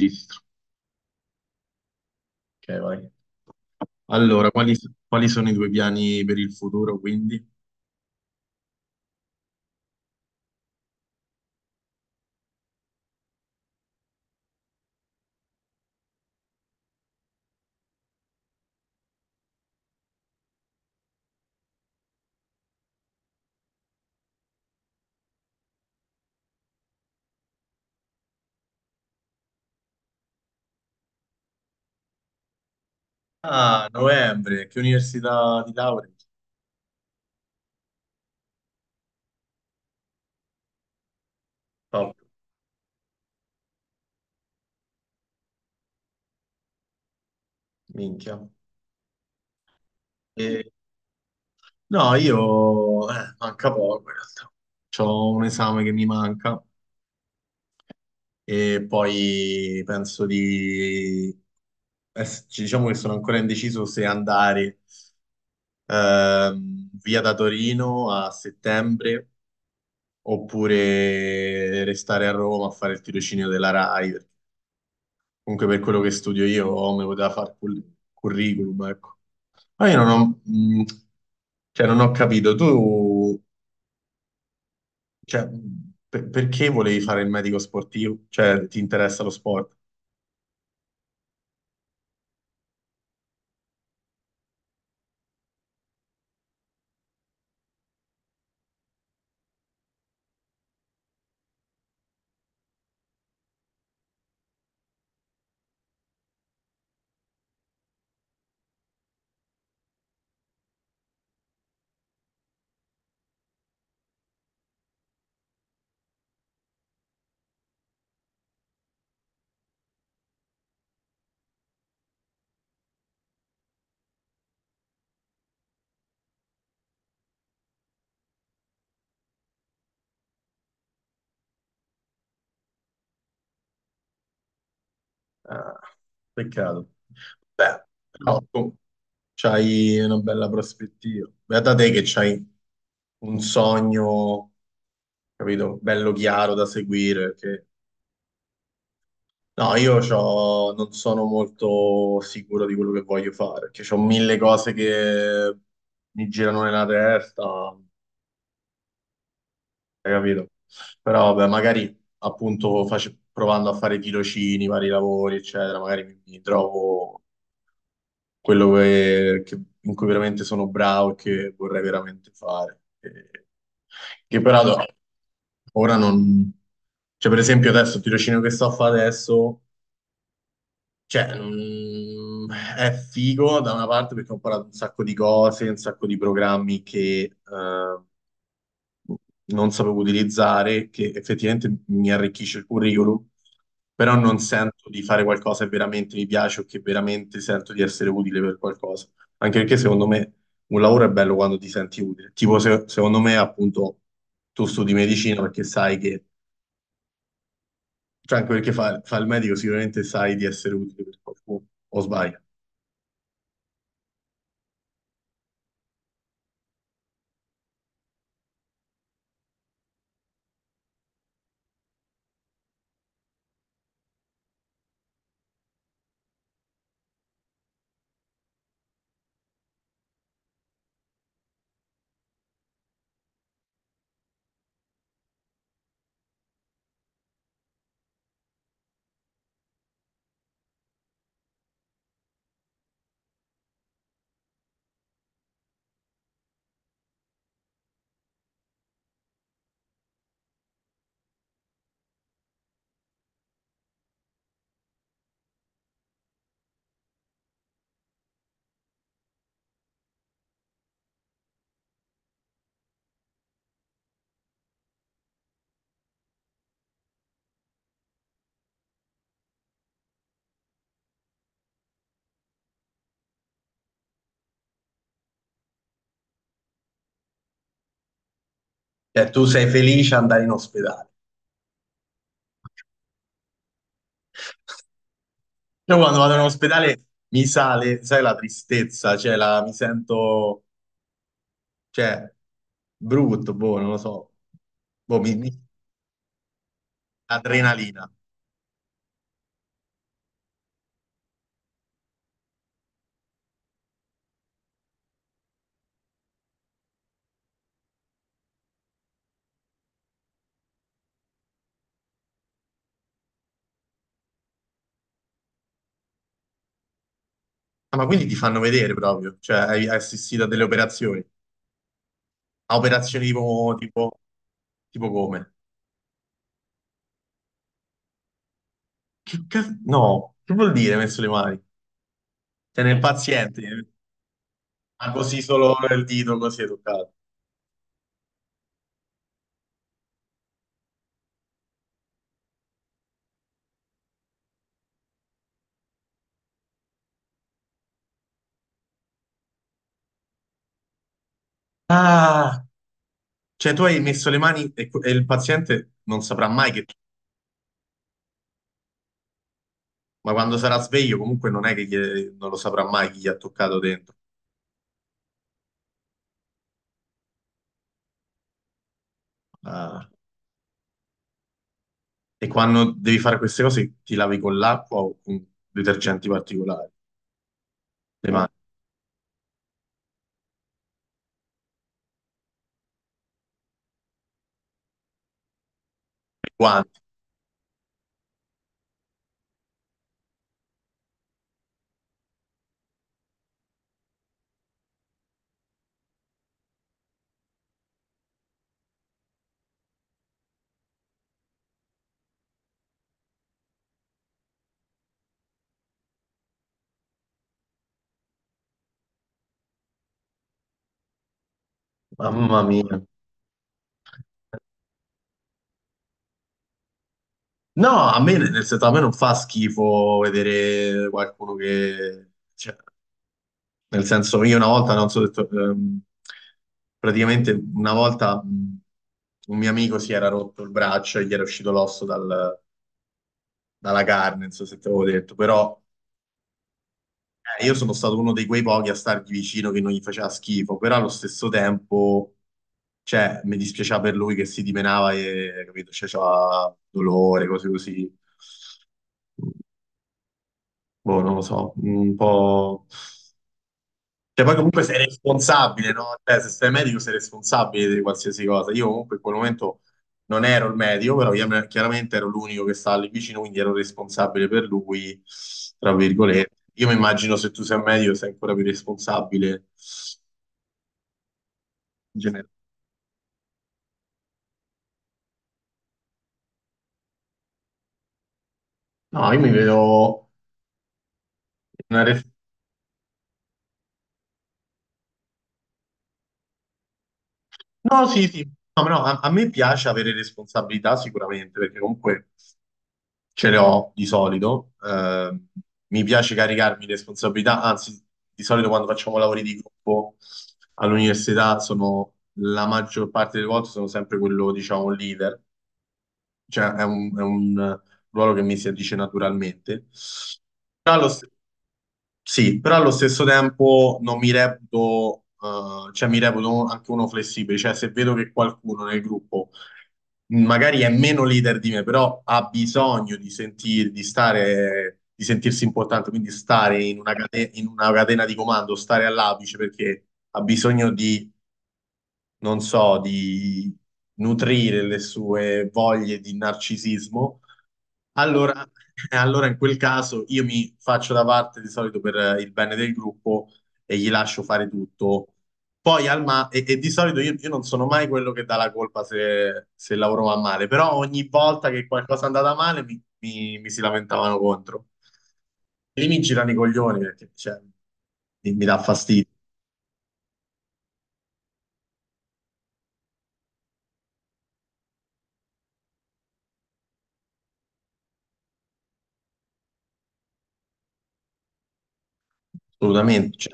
Registro. Ok, vai. Allora, quali, quali sono i tuoi piani per il futuro, quindi? Ah, novembre, che università di laurea? Top, minchia. E- no, io, manca poco, in realtà. C'ho un esame che mi manca e poi penso di. Diciamo che sono ancora indeciso se andare via da Torino a settembre oppure restare a Roma a fare il tirocinio della RAI. Comunque per quello che studio io mi poteva fare curriculum, ecco. Ma io non ho, cioè, non ho capito, tu, cioè, perché volevi fare il medico sportivo? Cioè, ti interessa lo sport? Ah, peccato. Beh, però tu c'hai una bella prospettiva. Beata te che c'hai un sogno, capito, bello chiaro da seguire, che no, io, non sono molto sicuro di quello che voglio fare, perché ho mille cose che mi girano nella testa, hai capito? Però vabbè, magari appunto provando a fare tirocini, vari lavori, eccetera, magari mi trovo quello che, in cui veramente sono bravo e che vorrei veramente fare. Che però ora non... Cioè, per esempio adesso il tirocinio che sto a fare adesso. Cioè, non- è figo da una parte perché ho imparato un sacco di cose, un sacco di programmi che non sapevo utilizzare, che effettivamente mi arricchisce il curriculum, però non sento di fare qualcosa che veramente mi piace o che veramente sento di essere utile per qualcosa. Anche perché secondo me un lavoro è bello quando ti senti utile. Tipo, secondo me, appunto, tu studi medicina perché sai che, cioè anche perché fa, fa il medico, sicuramente sai di essere utile per qualcuno, o sbaglio. Cioè, tu sei felice ad andare in ospedale. Io quando vado in ospedale mi sale, sai, la tristezza, cioè, mi sento, cioè, brutto, boh, non lo so. Boh, adrenalina. Ah, ma quindi ti fanno vedere proprio, cioè, hai assistito a delle operazioni. A operazioni tipo come? Che cazzo? No, che vuol dire messo le mani? Cioè, nel paziente, ma così solo il dito così è toccato. Ah, cioè tu hai messo le mani e il paziente non saprà mai che ma quando sarà sveglio comunque non è che non lo saprà mai chi gli ha toccato dentro. Ah, e quando devi fare queste cose ti lavi con l'acqua o con detergenti particolari, le mani, i guanti. Mamma mia. No, a me, nel senso, a me non fa schifo vedere qualcuno che... cioè, nel senso, io una volta, non so, detto, praticamente una volta un mio amico si era rotto il braccio e gli era uscito l'osso dalla carne, non so se te l'avevo detto, però eh, io sono stato uno dei quei pochi a stargli vicino che non gli faceva schifo, però allo stesso tempo, cioè, mi dispiaceva per lui che si dimenava e, capito, cioè, c'aveva dolore, cose così. Boh, non lo so, un po'... Cioè, poi comunque sei responsabile, no? Cioè, se sei medico sei responsabile di qualsiasi cosa. Io comunque in quel momento non ero il medico, però chiaramente ero l'unico che stava lì vicino, quindi ero responsabile per lui, tra virgolette. Io mi immagino se tu sei medico sei ancora più responsabile in generale. No, io mi vedo una. No, sì, sì. No, no, a, a me piace avere responsabilità sicuramente, perché comunque ce le ho di solito. Mi piace caricarmi di responsabilità, anzi, di solito quando facciamo lavori di gruppo all'università sono la maggior parte delle volte sono sempre quello, diciamo, leader, cioè è un ruolo che mi si addice naturalmente. Però allo stesso sì, però allo stesso tempo non mi reputo, cioè mi reputo anche uno flessibile, cioè se vedo che qualcuno nel gruppo magari è meno leader di me, però ha bisogno di sentir, di stare, di sentirsi importante, quindi stare in una in una catena di comando, stare all'apice perché ha bisogno di, non so, di nutrire le sue voglie di narcisismo allora, allora in quel caso io mi faccio da parte di solito per il bene del gruppo e gli lascio fare tutto. E di solito io non sono mai quello che dà la colpa se il lavoro va male, però ogni volta che qualcosa è andata male mi si lamentavano contro. Lì mi girano i coglioni perché cioè, mi dà fastidio, assolutamente.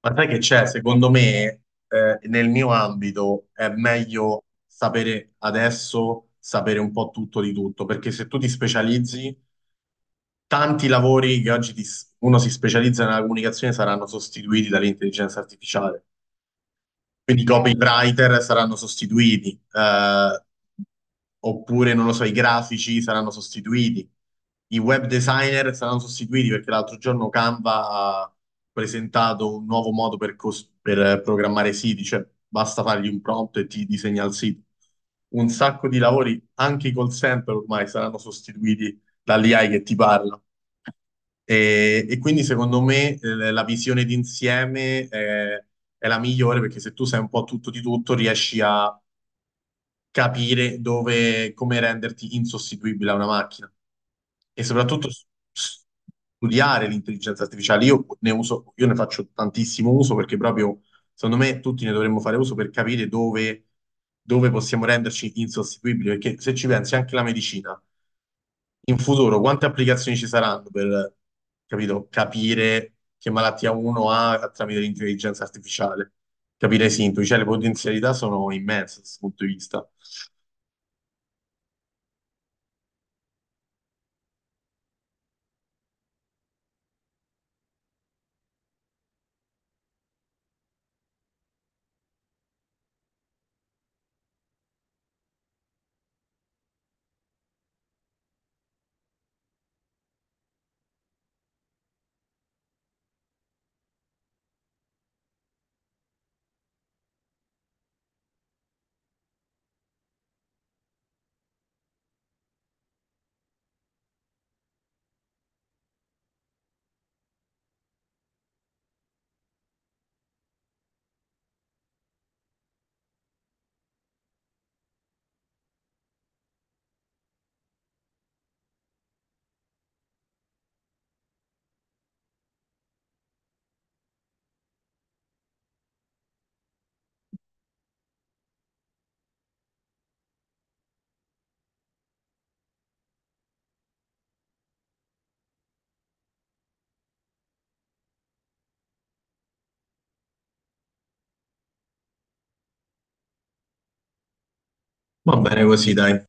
Ma sai che c'è? Secondo me, nel mio ambito è meglio sapere adesso, sapere un po' tutto di tutto, perché se tu ti specializzi, tanti lavori che oggi uno si specializza nella comunicazione saranno sostituiti dall'intelligenza artificiale. Quindi i copywriter saranno sostituiti, oppure non lo so, i grafici saranno sostituiti, i web designer saranno sostituiti perché l'altro giorno Canva ha presentato un nuovo modo per, per, programmare siti, cioè basta fargli un prompt e ti disegna il sito. Un sacco di lavori, anche i call center ormai saranno sostituiti dall'AI che ti parla. E quindi secondo me la visione d'insieme è la migliore perché se tu sai un po' tutto di tutto riesci a capire dove, come renderti insostituibile a una macchina e soprattutto s- studiare l'intelligenza artificiale. Io ne uso, io ne faccio tantissimo uso perché proprio secondo me tutti ne dovremmo fare uso per capire dove, dove possiamo renderci insostituibili perché se ci pensi anche la medicina in futuro quante applicazioni ci saranno per, capito, capire che malattia uno ha tramite l'intelligenza artificiale, capire i sintomi, cioè le potenzialità sono immense da questo punto di vista. Va bene così, dai.